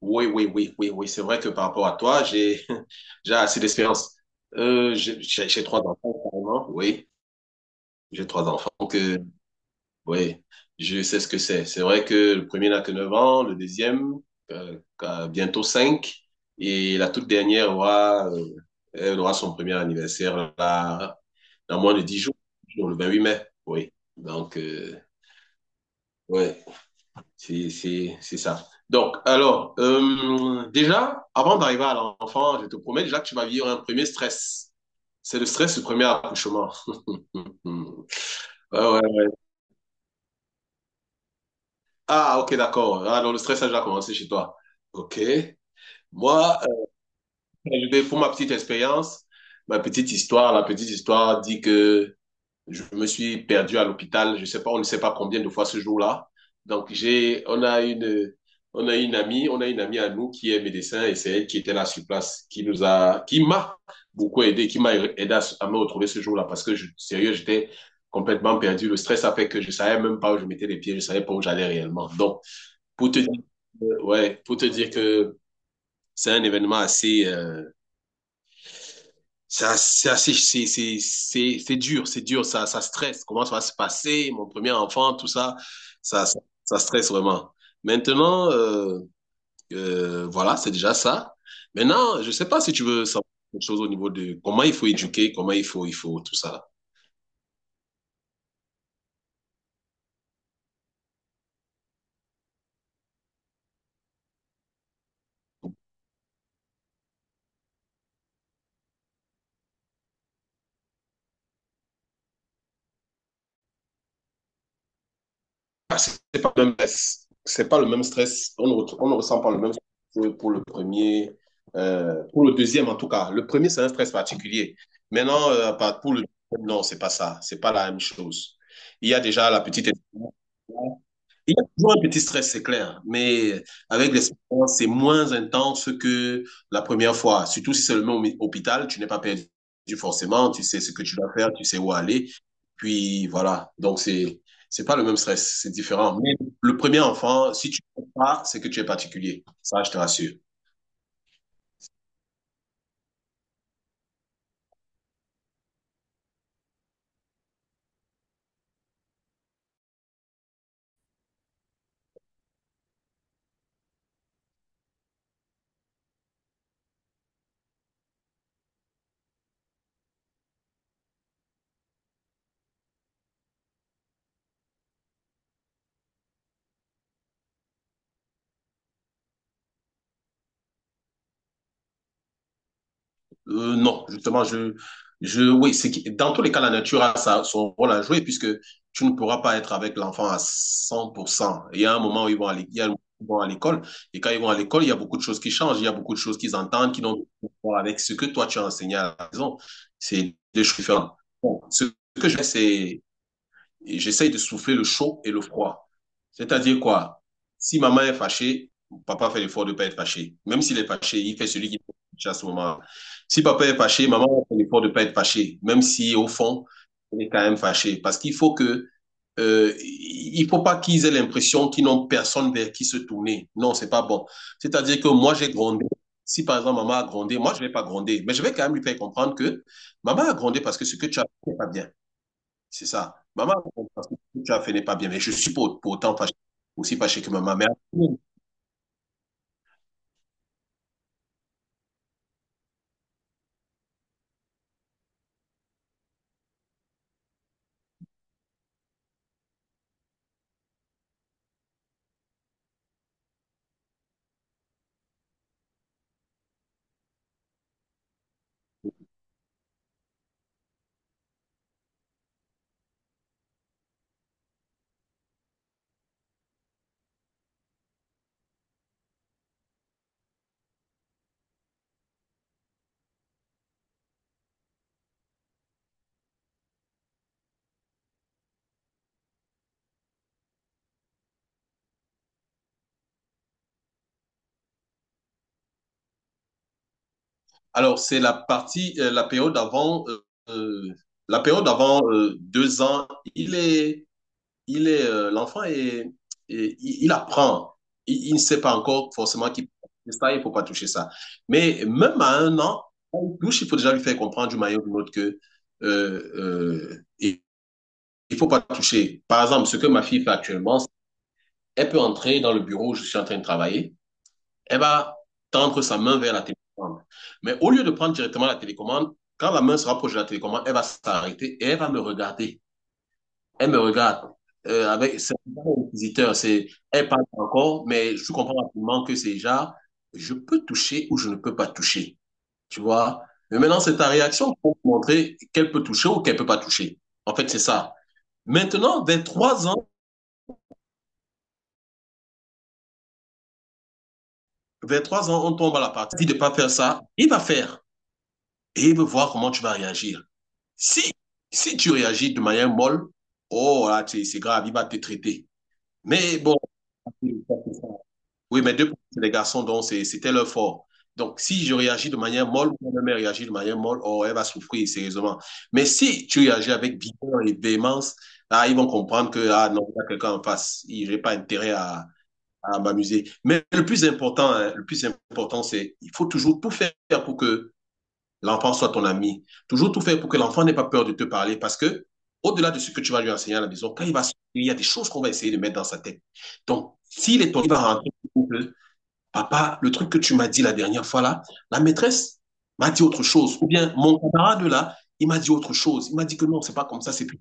Oui, oui, oui, oui, oui. C'est vrai que par rapport à toi, j'ai j'ai assez d'expérience. J'ai trois enfants, carrément. Oui, j'ai trois enfants que, oui, je sais ce que c'est. C'est vrai que le premier n'a que 9 ans, le deuxième a bientôt 5 et la toute dernière aura, elle aura son premier anniversaire là, dans moins de 10 jours, le 28 mai. Oui, donc, ouais. C'est ça. Donc, alors, déjà, avant d'arriver à l'enfant, je te promets déjà que tu vas vivre un premier stress. C'est le stress du premier accouchement. Ouais, ouais. Ah, ok, d'accord. Ah, donc le stress a déjà commencé chez toi. Ok. Moi, pour ma petite expérience, la petite histoire dit que je me suis perdu à l'hôpital. Je sais pas, on ne sait pas combien de fois ce jour-là. Donc, on a une amie à nous qui est médecin et c'est elle qui était là sur place, qui m'a beaucoup aidé, qui m'a aidé à me retrouver ce jour-là parce que sérieux, j'étais complètement perdu. Le stress a fait que je savais même pas où je mettais les pieds, je savais pas où j'allais réellement. Donc, pour te dire, ouais, pour te dire que c'est un événement assez, c'est dur, ça stresse. Comment ça va se passer, mon premier enfant, tout ça, ça stresse vraiment. Maintenant, voilà, c'est déjà ça. Maintenant, je ne sais pas si tu veux savoir quelque chose au niveau de comment il faut éduquer, il faut tout ça. Ah, c'est pas le même stress. C'est pas le même stress. On ne ressent pas le même stress pour le premier, pour le deuxième en tout cas. Le premier, c'est un stress particulier. Maintenant, pour le deuxième, non, c'est pas ça. C'est pas la même chose. Il y a déjà la petite. Il y a toujours un petit stress, c'est clair, mais avec l'expérience, c'est moins intense que la première fois. Surtout si c'est le même hôpital, tu n'es pas perdu forcément, tu sais ce que tu dois faire, tu sais où aller. Puis voilà, donc c'est pas le même stress, c'est différent. Mais le premier enfant, si tu ne fais pas, c'est que tu es particulier. Ça, je te rassure. Non, justement, oui, dans tous les cas, la nature a sa- son rôle à jouer puisque tu ne pourras pas être avec l'enfant à 100%. Il y a un moment où ils vont à l'é- il y a un moment où ils vont à l'école et quand ils vont à l'école, il y a beaucoup de choses qui changent, il y a beaucoup de choses qu'ils entendent qui n'ont rien à voir avec ce que toi tu as enseigné à la maison. C'est deux choses différentes. Bon, ce que je fais, c'est et j'essaye de souffler le chaud et le froid. C'est-à-dire quoi? Si maman est fâchée, papa fait l'effort de ne pas être fâché. Même s'il est fâché, il fait celui qui est fâché à ce moment -là. Si papa est fâché, maman fait l'effort de ne pas être fâché. Même si, au fond, elle est quand même fâchée. Parce qu'il faut que, il faut pas qu'ils aient l'impression qu'ils n'ont personne vers qui se tourner. Non, c'est pas bon. C'est-à-dire que moi, j'ai grondé. Si par exemple maman a grondé, moi je ne vais pas gronder, mais je vais quand même lui faire comprendre que maman a grondé parce que ce que tu as fait n'est pas bien. C'est ça. Maman, parce que ce que tu as fait n'est pas bien, mais je suis pour autant aussi fâché que maman. Mais alors, euh, la période avant 2 ans, il est, l'enfant est, et il apprend. Il ne sait pas encore forcément qu'il faut toucher ça, il ne faut pas toucher ça. Mais même à 1 an, on touche, il faut déjà lui faire comprendre du maillot ou d'une autre que il ne faut pas toucher. Par exemple, ce que ma fille fait actuellement, elle peut entrer dans le bureau où je suis en train de travailler. Elle va tendre sa main vers la télécommande. Mais au lieu de prendre directement la télécommande, quand la main se rapproche de la télécommande, elle va s'arrêter et elle va me regarder. Elle me regarde. C'est un visiteur, c'est, elle parle encore, mais je comprends rapidement que c'est déjà, je peux toucher ou je ne peux pas toucher. Tu vois? Mais maintenant, c'est ta réaction pour montrer qu'elle peut toucher ou qu'elle peut pas toucher. En fait, c'est ça. Maintenant, vers 3 ans, on tombe à la partie de pas faire ça. Il va faire, et il veut voir comment tu vas réagir. Si, si tu réagis de manière molle, oh là, c'est grave, il va te traiter. Mais bon, oui, mais deux, c'est des garçons, donc c'était leur fort. Donc, si je réagis de manière molle, ou ma mère réagit de manière molle, oh, elle va souffrir sérieusement. Mais si tu réagis avec vigueur et véhémence, là, ils vont comprendre que, ah non, il y a quelqu'un en face, je n'ai pas intérêt à m'amuser. Mais le plus important, hein, le plus important, c'est il faut toujours tout faire pour que l'enfant soit ton ami. Toujours tout faire pour que l'enfant n'ait pas peur de te parler parce que, au-delà de ce que tu vas lui enseigner à la maison, quand il va sortir, il y a des choses qu'on va essayer de mettre dans sa tête. Donc, s'il est ton il va rentrer papa, le truc que tu m'as dit la dernière fois là, la maîtresse m'a dit autre chose. Ou bien mon camarade là, il m'a dit autre chose. Il m'a dit que non, c'est pas comme ça, c'est plus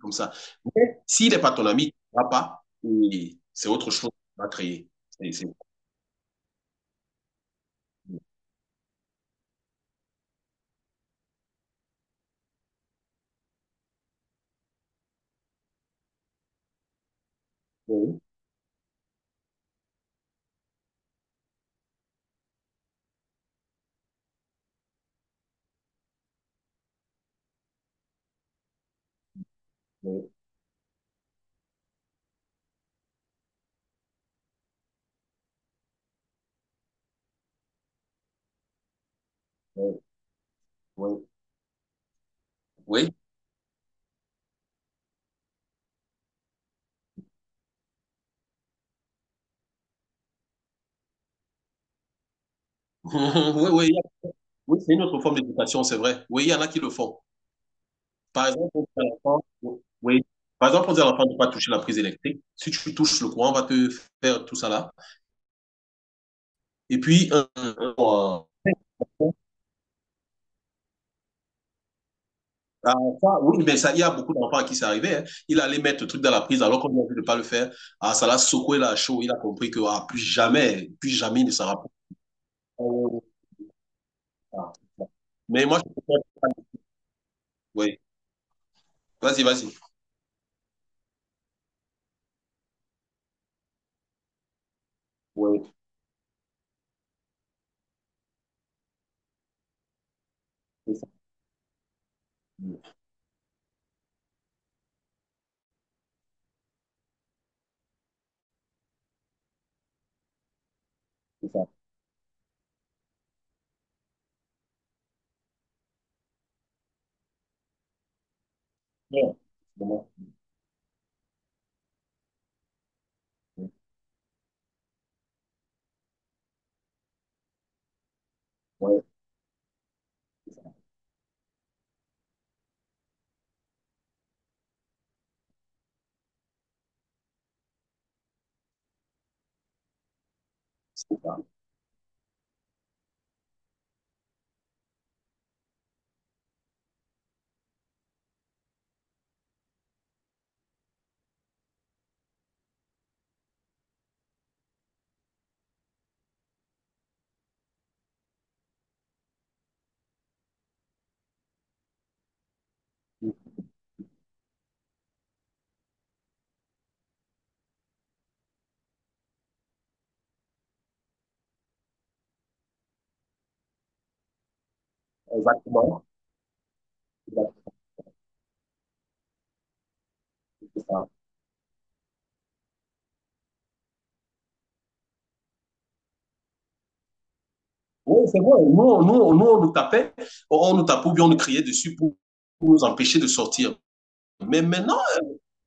comme ça. Mais s'il n'est pas ton ami, papa, c'est autre chose qu'on va créer. Oui, oui, oui, oui, oui, oui, oui. Oui, c'est une autre forme d'éducation, c'est vrai. Oui, il y en a qui le font. Par exemple, on dit à l'enfant, oui. Par exemple, on dit à l'enfant de ne pas toucher la prise électrique. Si tu touches le courant, on va te faire tout ça là. Et puis, ah, ça, oui, mais ça, il y a beaucoup d'enfants à qui c'est arrivé, hein. Il allait mettre le truc dans la prise alors qu'on lui a dit de ne pas le faire. Ah, ça l'a secoué la chaud. Il a compris que ah, plus jamais il ne s'en rappelle. Ah, mais moi, je... oui. Vas-y, vas-y. Oui, c'est ça. C'est ça. Ouais. Ouais, c'est ça. Ouais. C'est ça. Exactement. Exactement, c'est oui, c'est vrai. On nous tapait ou bien on nous criait dessus pour nous empêcher de sortir. Mais maintenant,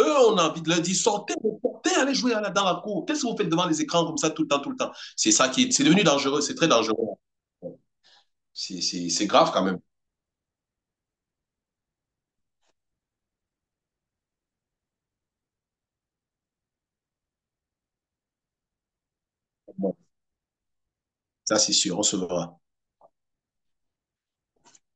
eux, on a envie de leur dire, sortez, sortez, allez jouer dans la cour. Qu'est-ce que vous faites devant les écrans comme ça tout le temps, tout le temps? C'est ça qui est, c'est devenu dangereux, c'est très dangereux. C'est grave quand même. Ça, c'est sûr, on se verra.